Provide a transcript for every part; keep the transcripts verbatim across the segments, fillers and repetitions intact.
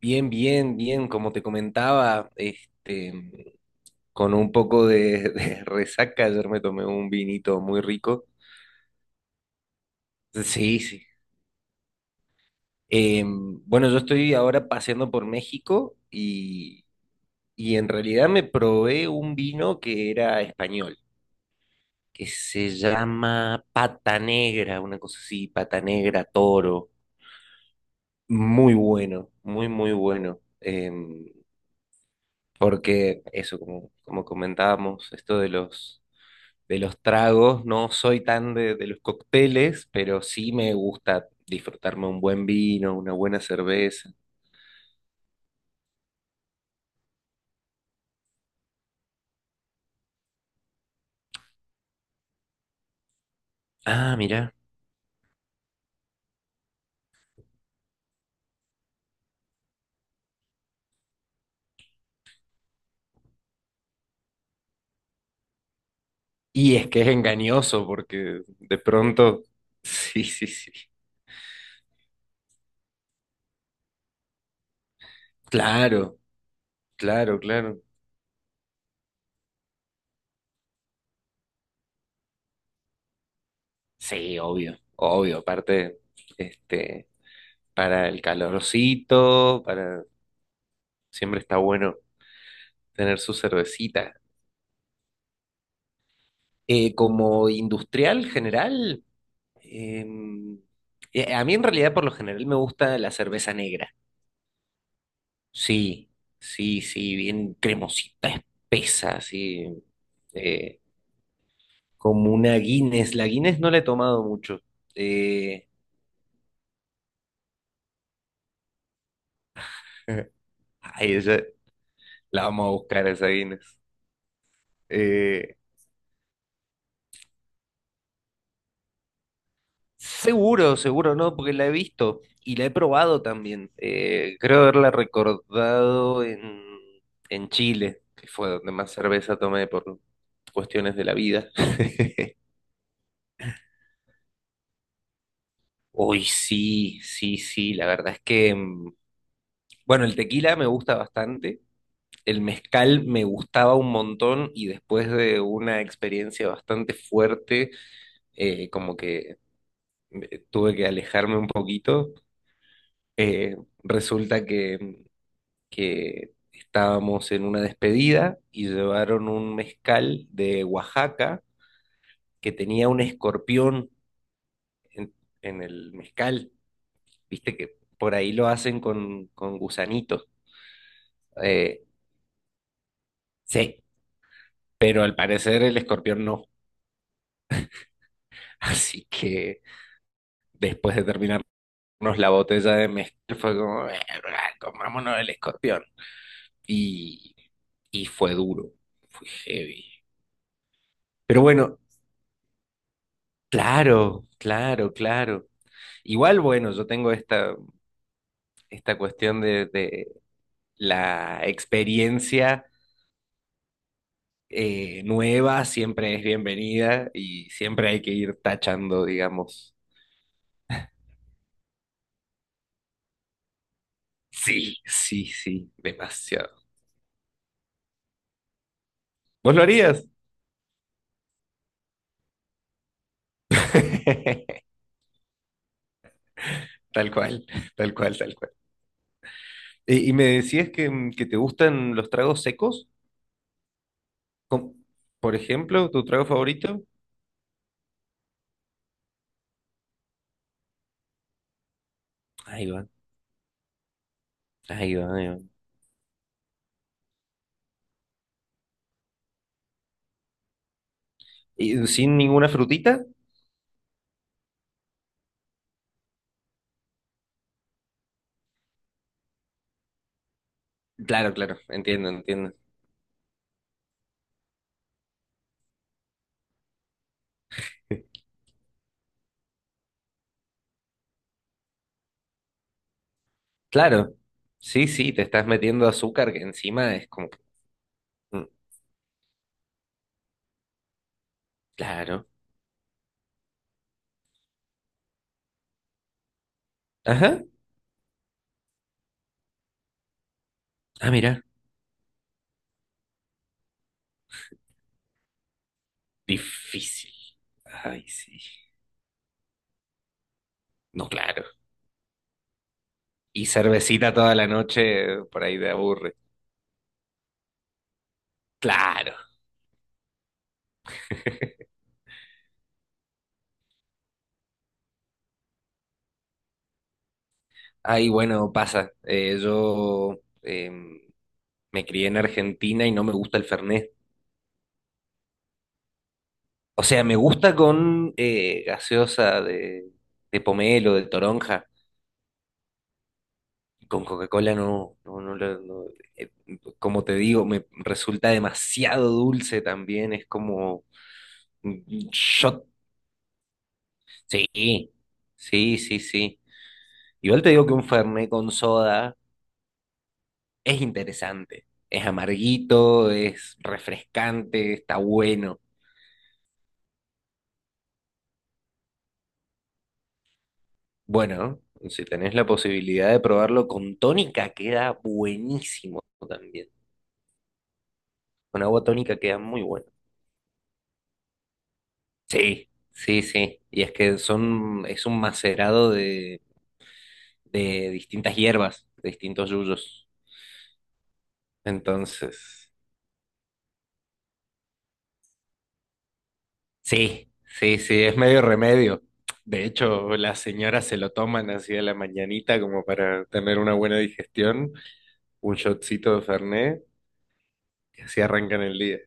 Bien, bien, bien, como te comentaba, este, con un poco de, de resaca, ayer me tomé un vinito muy rico. Sí, sí. Eh, bueno, yo estoy ahora paseando por México y, y en realidad me probé un vino que era español, que se llama Pata Negra, una cosa así, Pata Negra Toro. Muy bueno, muy, muy bueno. Em, porque eso, como, como comentábamos, esto de los de los tragos, no soy tan de, de los cócteles, pero sí me gusta disfrutarme un buen vino, una buena cerveza. Ah, mira. Y es que es engañoso porque de pronto... Sí, sí, sí. Claro, claro, claro. Sí, obvio, obvio. Aparte, este, para el calorcito, para... Siempre está bueno tener su cervecita. Eh, como industrial general. Em, eh, a mí en realidad por lo general me gusta la cerveza negra. Sí, sí, sí, bien cremosita, espesa, así. Eh, como una Guinness. La Guinness no la he tomado mucho. Eh, Ay, esa- la vamos a buscar esa Guinness. Eh, Seguro, seguro no, porque la he visto y la he probado también. Eh, creo haberla recordado en, en Chile, que fue donde más cerveza tomé por cuestiones de la vida. Uy, sí, sí, sí, la verdad es que, mm, bueno, el tequila me gusta bastante, el mezcal me gustaba un montón y después de una experiencia bastante fuerte, eh, como que eh, tuve que alejarme un poquito. Eh, Resulta que mm, que estábamos en una despedida y llevaron un mezcal de Oaxaca que tenía un escorpión en, en el mezcal. Viste que por ahí lo hacen con, con gusanitos. Eh, sí, pero al parecer el escorpión no. Así que después de terminarnos la botella de mezcal fue como, "Eh, comámonos el escorpión." Y, y fue duro, fue heavy. Pero bueno, claro, claro, claro. Igual, bueno, yo tengo esta, esta cuestión de, de la experiencia eh, nueva, siempre es bienvenida y siempre hay que ir tachando, digamos. Sí, sí, sí, demasiado. ¿Vos lo harías? Tal cual, tal cual, tal cual. Y, y me decías que, mm, que te gustan los tragos secos, como, por ejemplo, tu trago favorito. Ahí va, ahí va, ahí va. ¿Y sin ninguna frutita? Claro, claro, entiendo, entiendo. Claro, sí, sí, te estás metiendo azúcar que encima es como que... mm, Claro. Ajá. Ah, mira, difícil. Ay, sí. No, claro. Y cervecita toda la noche, eh, por ahí te aburre. Claro. Ay, bueno, pasa. Eh, yo em, me crié en Argentina y no me gusta el Fernet. O sea, me gusta con eh, gaseosa de, de pomelo, de toronja. Con Coca-Cola no, no, no, la- no, eh, como te digo, me resulta demasiado dulce también, es como un shot. Sí, sí, sí, sí. Igual te digo que un Fernet con soda es interesante, es amarguito, es refrescante, está bueno. Bueno, si tenés la posibilidad de probarlo con tónica, queda buenísimo también. Con agua tónica queda muy bueno. Sí, sí, sí. Y es que son, es un macerado de, de distintas hierbas, de distintos yuyos. Entonces, sí, sí, sí, es medio remedio. De hecho, las señoras se lo toman así a la mañanita como para tener una buena digestión, un shotcito de Fernet, y así arrancan el día.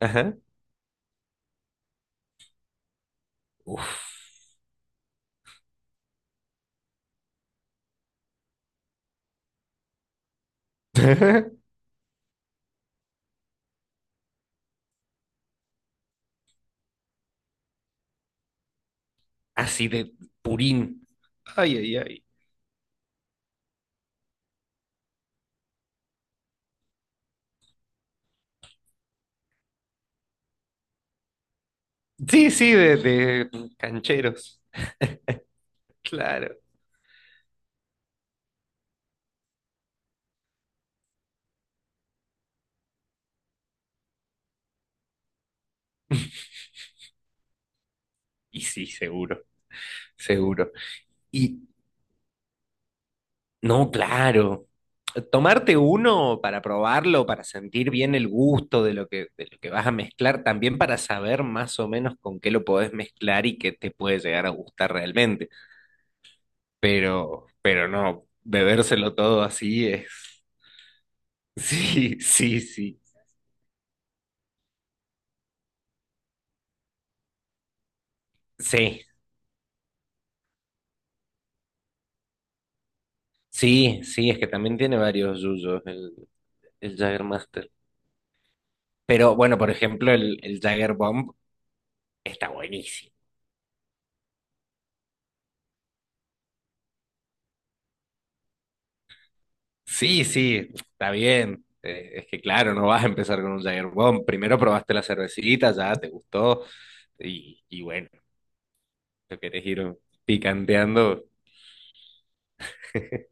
Ajá. Uf. Así de purín. Ay, ay, ay. Sí, sí, de, de cancheros. Claro. Y sí, seguro, seguro. Y no, claro. Tomarte uno para probarlo, para sentir bien el gusto de lo que, de lo que vas a mezclar, también para saber más o menos con qué lo podés mezclar y qué te puede llegar a gustar realmente. Pero, pero no, bebérselo todo así es. Sí, sí, sí. Sí, sí, sí, es que también tiene varios yuyos el, el Jägermeister. Pero bueno, por ejemplo, el, el Jäger Bomb está buenísimo. Sí, sí, está bien. Eh, es que claro, no vas a empezar con un Jagger Bomb. Primero probaste la cervecita, ya te gustó. Y, y bueno, lo querés ir picanteando.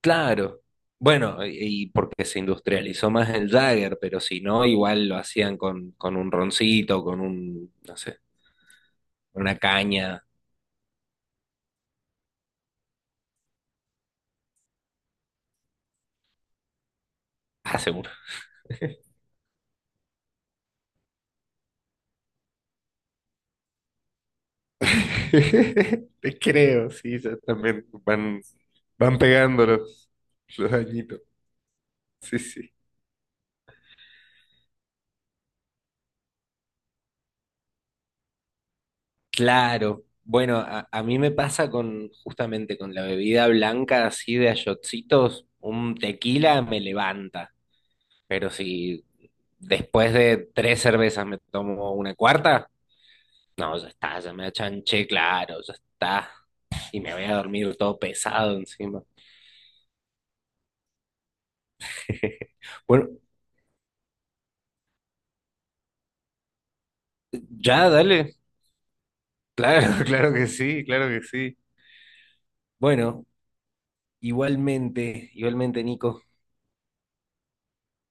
Claro. Bueno, y y porque se industrializó más el Jagger, pero si no, igual lo hacían con, con un roncito, con un, no sé, una caña. Ah, seguro. Te creo, sí, ya también van, van pegando los, los añitos. Sí, sí. Claro, bueno, a, a mí me pasa con justamente con la bebida blanca así de a shotsitos, un tequila me levanta, pero si después de tres cervezas me tomo una cuarta, no, ya está, ya me achanché, claro, ya está, y me voy a dormir todo pesado encima. Bueno, ya, dale, claro, claro que sí, claro que sí. Bueno, igualmente, igualmente, Nico.